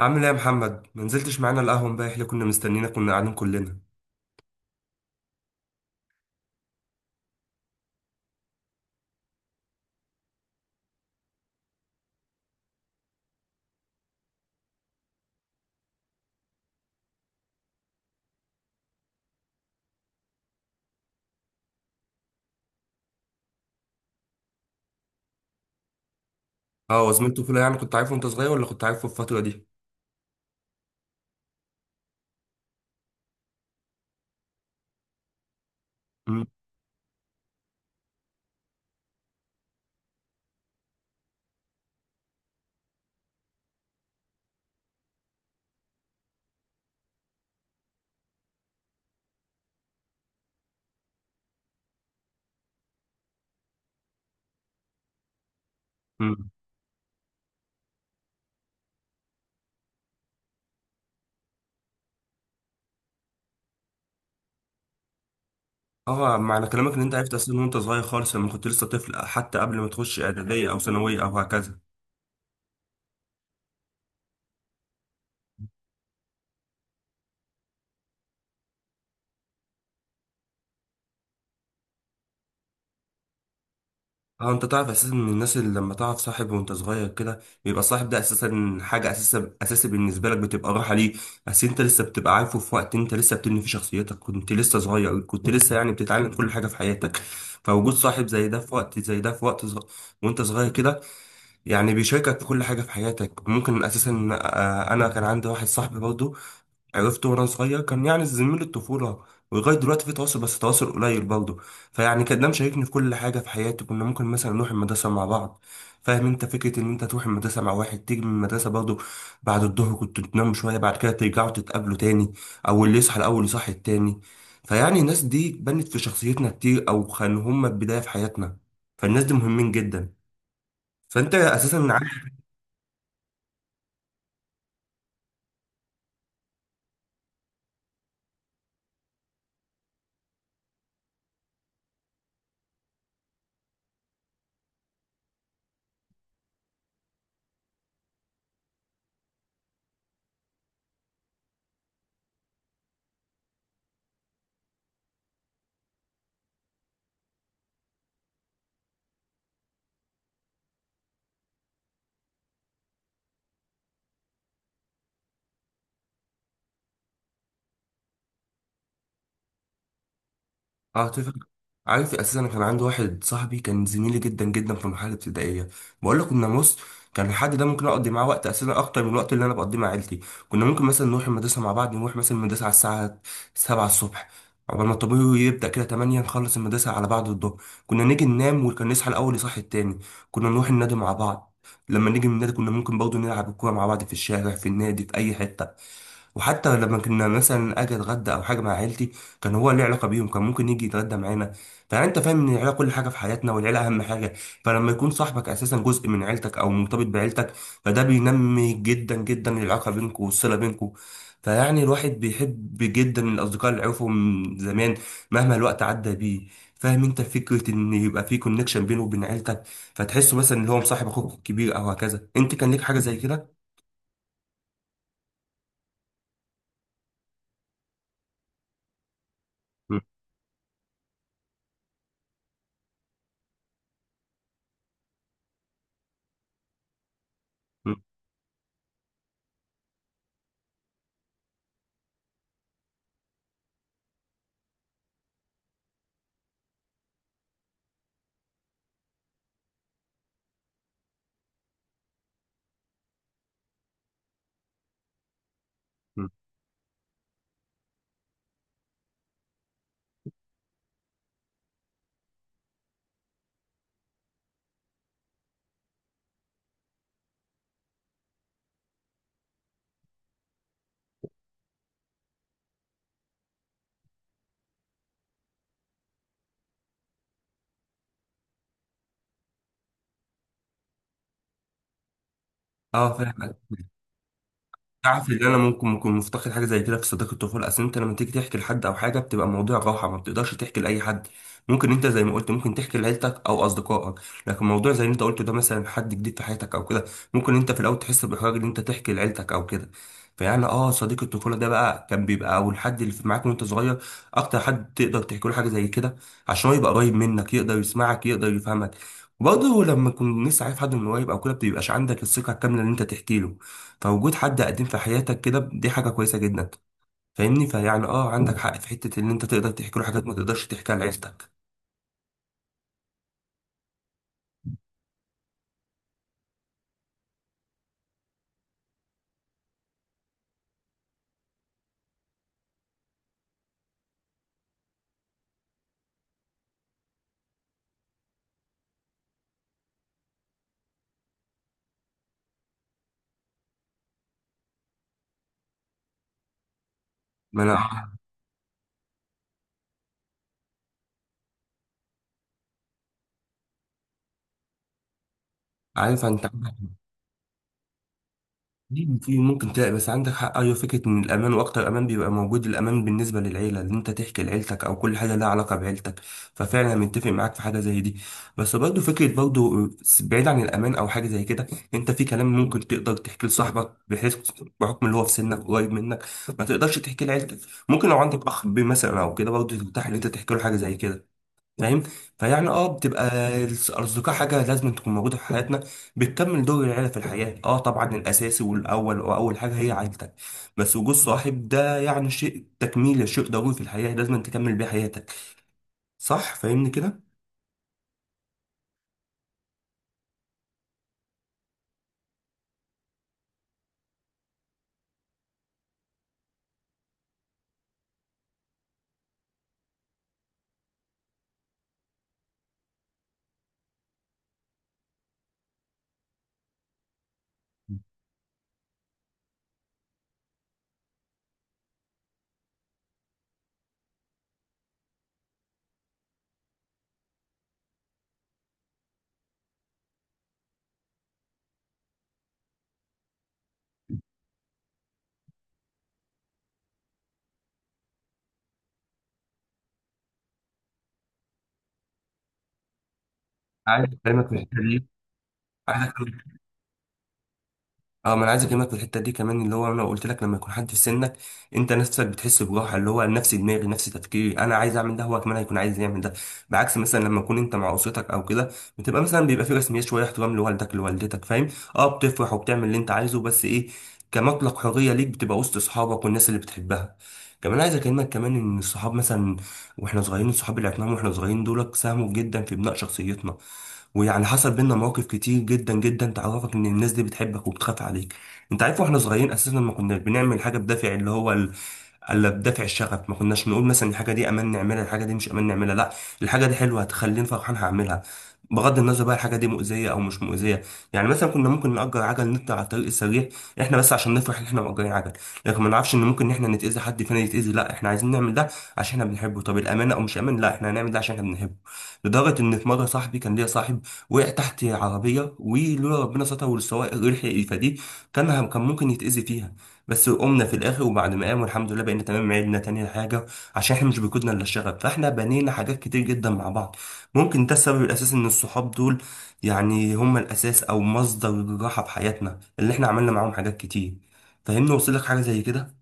عامل ايه يا محمد؟ ما نزلتش معانا القهوه امبارح اللي كنا مستنينا؟ كنا قاعدين كلنا. اه وزميلته فيلا يعني كنت عارفه وانت صغير ولا كنت عارفه في الفتره دي؟ امم. أمم. اه، معنى كلامك ان انت عرفت اصلا وانت صغير خالص، لما كنت لسه طفل، حتى قبل ما تخش اعداديه او ثانويه او هكذا. اه انت تعرف اساسا ان الناس اللي لما تعرف صاحب وانت صغير كده، بيبقى الصاحب ده اساسا حاجه اساسا اساسي بالنسبه لك، بتبقى راحه ليه. اصل انت لسه بتبقى عارفه في وقت انت لسه بتبني فيه شخصيتك، كنت لسه صغير، كنت لسه يعني بتتعلم كل حاجه في حياتك. فوجود صاحب زي ده في وقت زي ده في وقت وانت صغير كده، يعني بيشاركك في كل حاجه في حياتك ممكن اساسا. آه، انا كان عندي واحد صاحبي برضه عرفته وانا صغير، كان يعني زميل الطفوله، ولغايه دلوقتي في تواصل بس تواصل قليل برضه. فيعني كان ده مشاركني في كل حاجه في حياتي، كنا ممكن مثلا نروح المدرسه مع بعض. فاهم انت فكره ان انت تروح المدرسه مع واحد، تيجي من المدرسه برضه بعد الظهر، كنت تنام شويه، بعد كده ترجعوا تتقابلوا تاني، او اللي يصحى الاول يصحي التاني. فيعني الناس دي بنت في شخصيتنا كتير، او كانوا هم البدايه في حياتنا، فالناس دي مهمين جدا. فانت اساسا اه اتفق. عارف اساسا أنا كان عندي واحد صاحبي كان زميلي جدا جدا في المرحله الابتدائيه، بقول لك كنا بص، كان الحد ده ممكن اقضي معاه وقت اساسا اكتر من الوقت اللي انا بقضيه مع عيلتي. كنا ممكن مثلا نروح المدرسه مع بعض، نروح مثلا المدرسه على الساعه 7 الصبح، عقبال ما الطابور يبدا كده 8، نخلص المدرسه على بعض الظهر، كنا نيجي ننام، وكان نصحى الاول يصحي التاني، كنا نروح النادي مع بعض، لما نيجي من النادي كنا ممكن برضه نلعب الكوره مع بعض في الشارع، في النادي، في اي حته. وحتى لما كنا مثلا اجي اتغدى او حاجه مع عيلتي، كان هو ليه علاقه بيهم، كان ممكن يجي يتغدى معانا. فانت فاهم ان العيله كل حاجه في حياتنا، والعيله اهم حاجه، فلما يكون صاحبك اساسا جزء من عيلتك او مرتبط بعيلتك، فده بينمي جدا جدا العلاقه بينكم والصله بينكم. فيعني الواحد بيحب جدا الاصدقاء اللي عرفهم من زمان، مهما الوقت عدى بيه. فاهم انت فكره ان يبقى في كونكشن بينه وبين عيلتك، فتحسه مثلا ان هو مصاحب اخوك الكبير او هكذا. انت كان ليك حاجه زي كده؟ م- م- م. اه فاهم. تعرف ان انا ممكن اكون مفتقد حاجه زي كده في صداقه الطفوله. اصل انت لما تيجي تحكي لحد او حاجه، بتبقى موضوع راحه، ما بتقدرش تحكي لاي حد. ممكن انت زي ما قلت ممكن تحكي لعيلتك او اصدقائك، لكن موضوع زي اللي انت قلته ده، مثلا حد جديد في حياتك او كده، ممكن انت في الاول تحس باحراج ان انت تحكي لعيلتك او كده. فيعني اه صديق الطفوله ده بقى كان بيبقى او الحد اللي في معاك وانت صغير اكتر حد تقدر تحكي له حاجه زي كده، عشان هو يبقى قريب منك، يقدر يسمعك، يقدر يفهمك. وبرضه لما تكون لسه عارف حد من قريب او كده، ما بيبقاش عندك الثقه الكامله ان انت تحكي له، فوجود حد قديم في حياتك كده دي حاجة كويسة جدا. فاهمني؟ فيعني اه عندك حق في حتة ان انت تقدر تحكي له حاجات ما تقدرش تحكيها لعيلتك. ما انا عارف انت، في ممكن تلاقي، بس عندك حق. ايوه، فكره ان الامان واكتر امان بيبقى موجود، الامان بالنسبه للعيله، ان انت تحكي لعيلتك او كل حاجه لها علاقه بعيلتك، ففعلا انا متفق معاك في حاجه زي دي. بس برضه فكره برضه، بعيد عن الامان او حاجه زي كده، انت في كلام ممكن تقدر تحكي لصاحبك، بحيث بحكم اللي هو في سنك قريب منك ما تقدرش تحكي لعيلتك. ممكن لو عندك اخ بي مثلا او كده برضه ترتاح ان انت تحكي له حاجه زي كده، فاهم. فيعني اه بتبقى الاصدقاء حاجه لازم تكون موجوده في حياتنا، بتكمل دور العيله في الحياه. اه طبعا الاساسي والاول واول حاجه هي عيلتك، بس وجود صاحب ده يعني شيء تكميل، شيء ضروري في الحياه، لازم تكمل بيه حياتك. صح؟ فاهمني كده؟ عايز اكلمك في الحته دي. اه ما انا عايز اكلمك في الحته دي كمان، اللي هو انا قلت لك لما يكون حد في سنك، انت نفسك بتحس بجوحه، اللي هو نفس دماغي نفس تفكيري، انا عايز اعمل ده هو كمان هيكون عايز يعمل ده. بعكس مثلا لما تكون انت مع اسرتك او كده، بتبقى مثلا بيبقى في رسميات شويه، احترام لوالدك لوالدتك، فاهم. اه بتفرح وبتعمل اللي انت عايزه بس ايه، كمطلق حريه ليك بتبقى وسط اصحابك والناس اللي بتحبها. كمان عايز اكلمك كمان ان الصحاب مثلا واحنا صغيرين، الصحاب اللي عرفناهم واحنا صغيرين دول ساهموا جدا في بناء شخصيتنا. ويعني حصل بينا مواقف كتير جدا جدا تعرفك ان الناس دي بتحبك وبتخاف عليك. انت عارف واحنا صغيرين اساسا ما كناش بنعمل حاجه بدافع اللي هو الا بدافع الشغف. ما كناش نقول مثلا الحاجه دي امان نعملها، الحاجه دي مش امان نعملها، لا، الحاجه دي حلوه هتخليني فرحان هعملها، بغض النظر بقى الحاجه دي مؤذيه او مش مؤذيه. يعني مثلا كنا ممكن نأجر عجل نطلع على الطريق السريع، احنا بس عشان نفرح ان احنا مأجرين عجل، لكن ما نعرفش ان ممكن ان احنا نتأذي، حد فينا يتأذي. لا احنا عايزين نعمل ده عشان احنا بنحبه، طب الامانه او مش امان، لا احنا هنعمل ده عشان احنا بنحبه. لدرجه ان في مره صاحبي، كان ليا صاحب وقع تحت عربيه، ولولا ربنا ستر والسواق لحق يفاديه كان ممكن يتأذي فيها. بس قمنا في الاخر، وبعد ما قام والحمد لله بقينا تمام، عدنا تاني حاجه، عشان احنا مش بيكودنا الا الشغف. فاحنا بنينا حاجات كتير جدا مع بعض، ممكن ده السبب الاساسي ان الصحاب دول يعني هم الاساس او مصدر الراحه في حياتنا، اللي احنا عملنا معاهم حاجات كتير. فاهمني؟ وصل لك حاجه زي كده؟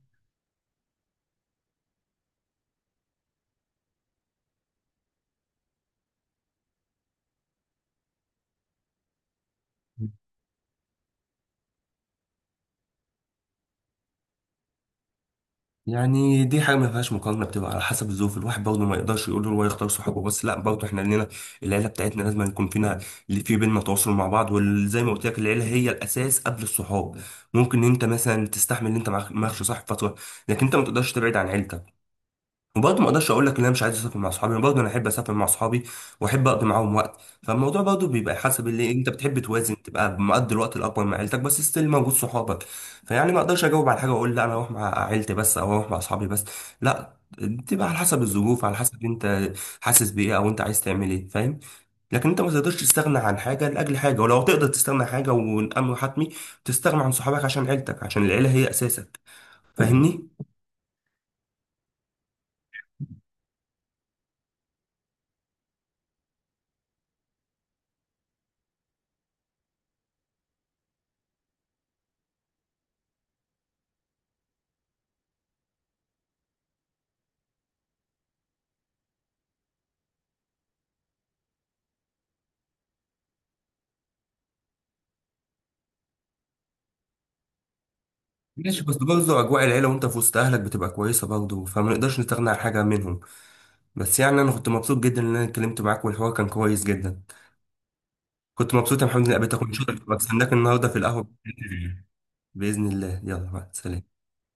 يعني دي حاجه ما فيهاش مقارنه، بتبقى على حسب الظروف. الواحد برضه ما يقدرش يقول له هو يختار صحابه بس، لا برضه احنا لينا العيله بتاعتنا، لازم يكون فينا، في بينا تواصل مع بعض. وزي ما قلت لك العيله هي الاساس قبل الصحاب، ممكن انت مثلا تستحمل ان انت معكش صاحب فتره، لكن انت ما تقدرش تبعد عن عيلتك. وبرضه ما اقدرش اقول لك ان انا مش عايز اسافر مع اصحابي، برضه انا احب اسافر مع اصحابي، واحب اقضي معاهم وقت. فالموضوع برضه بيبقى حسب اللي انت بتحب، توازن تبقى مقضي الوقت الاكبر مع عيلتك بس ستيل موجود صحابك. فيعني ما اقدرش اجاوب على حاجه واقول لا انا اروح مع عيلتي بس او اروح مع اصحابي بس، لا، بتبقى على حسب الظروف، على حسب انت حاسس بايه، او انت عايز تعمل ايه، فاهم. لكن انت ما تقدرش تستغنى عن حاجه لاجل حاجه، ولو تقدر تستغنى عن حاجه والامر حتمي، تستغنى عن صحابك عشان عيلتك، عشان العيله هي اساسك. فاهمني؟ ماشي، بس برضه أجواء العيلة وأنت في وسط أهلك بتبقى كويسة برضه، فما نقدرش نستغنى عن حاجة منهم. بس يعني أنا كنت مبسوط جدا إن أنا اتكلمت معاك، والحوار كان كويس جدا. كنت مبسوط يا محمد إني قابلتك، وإن شاء الله بستناك النهاردة في القهوة. بإذن الله، يلا مع السلامة.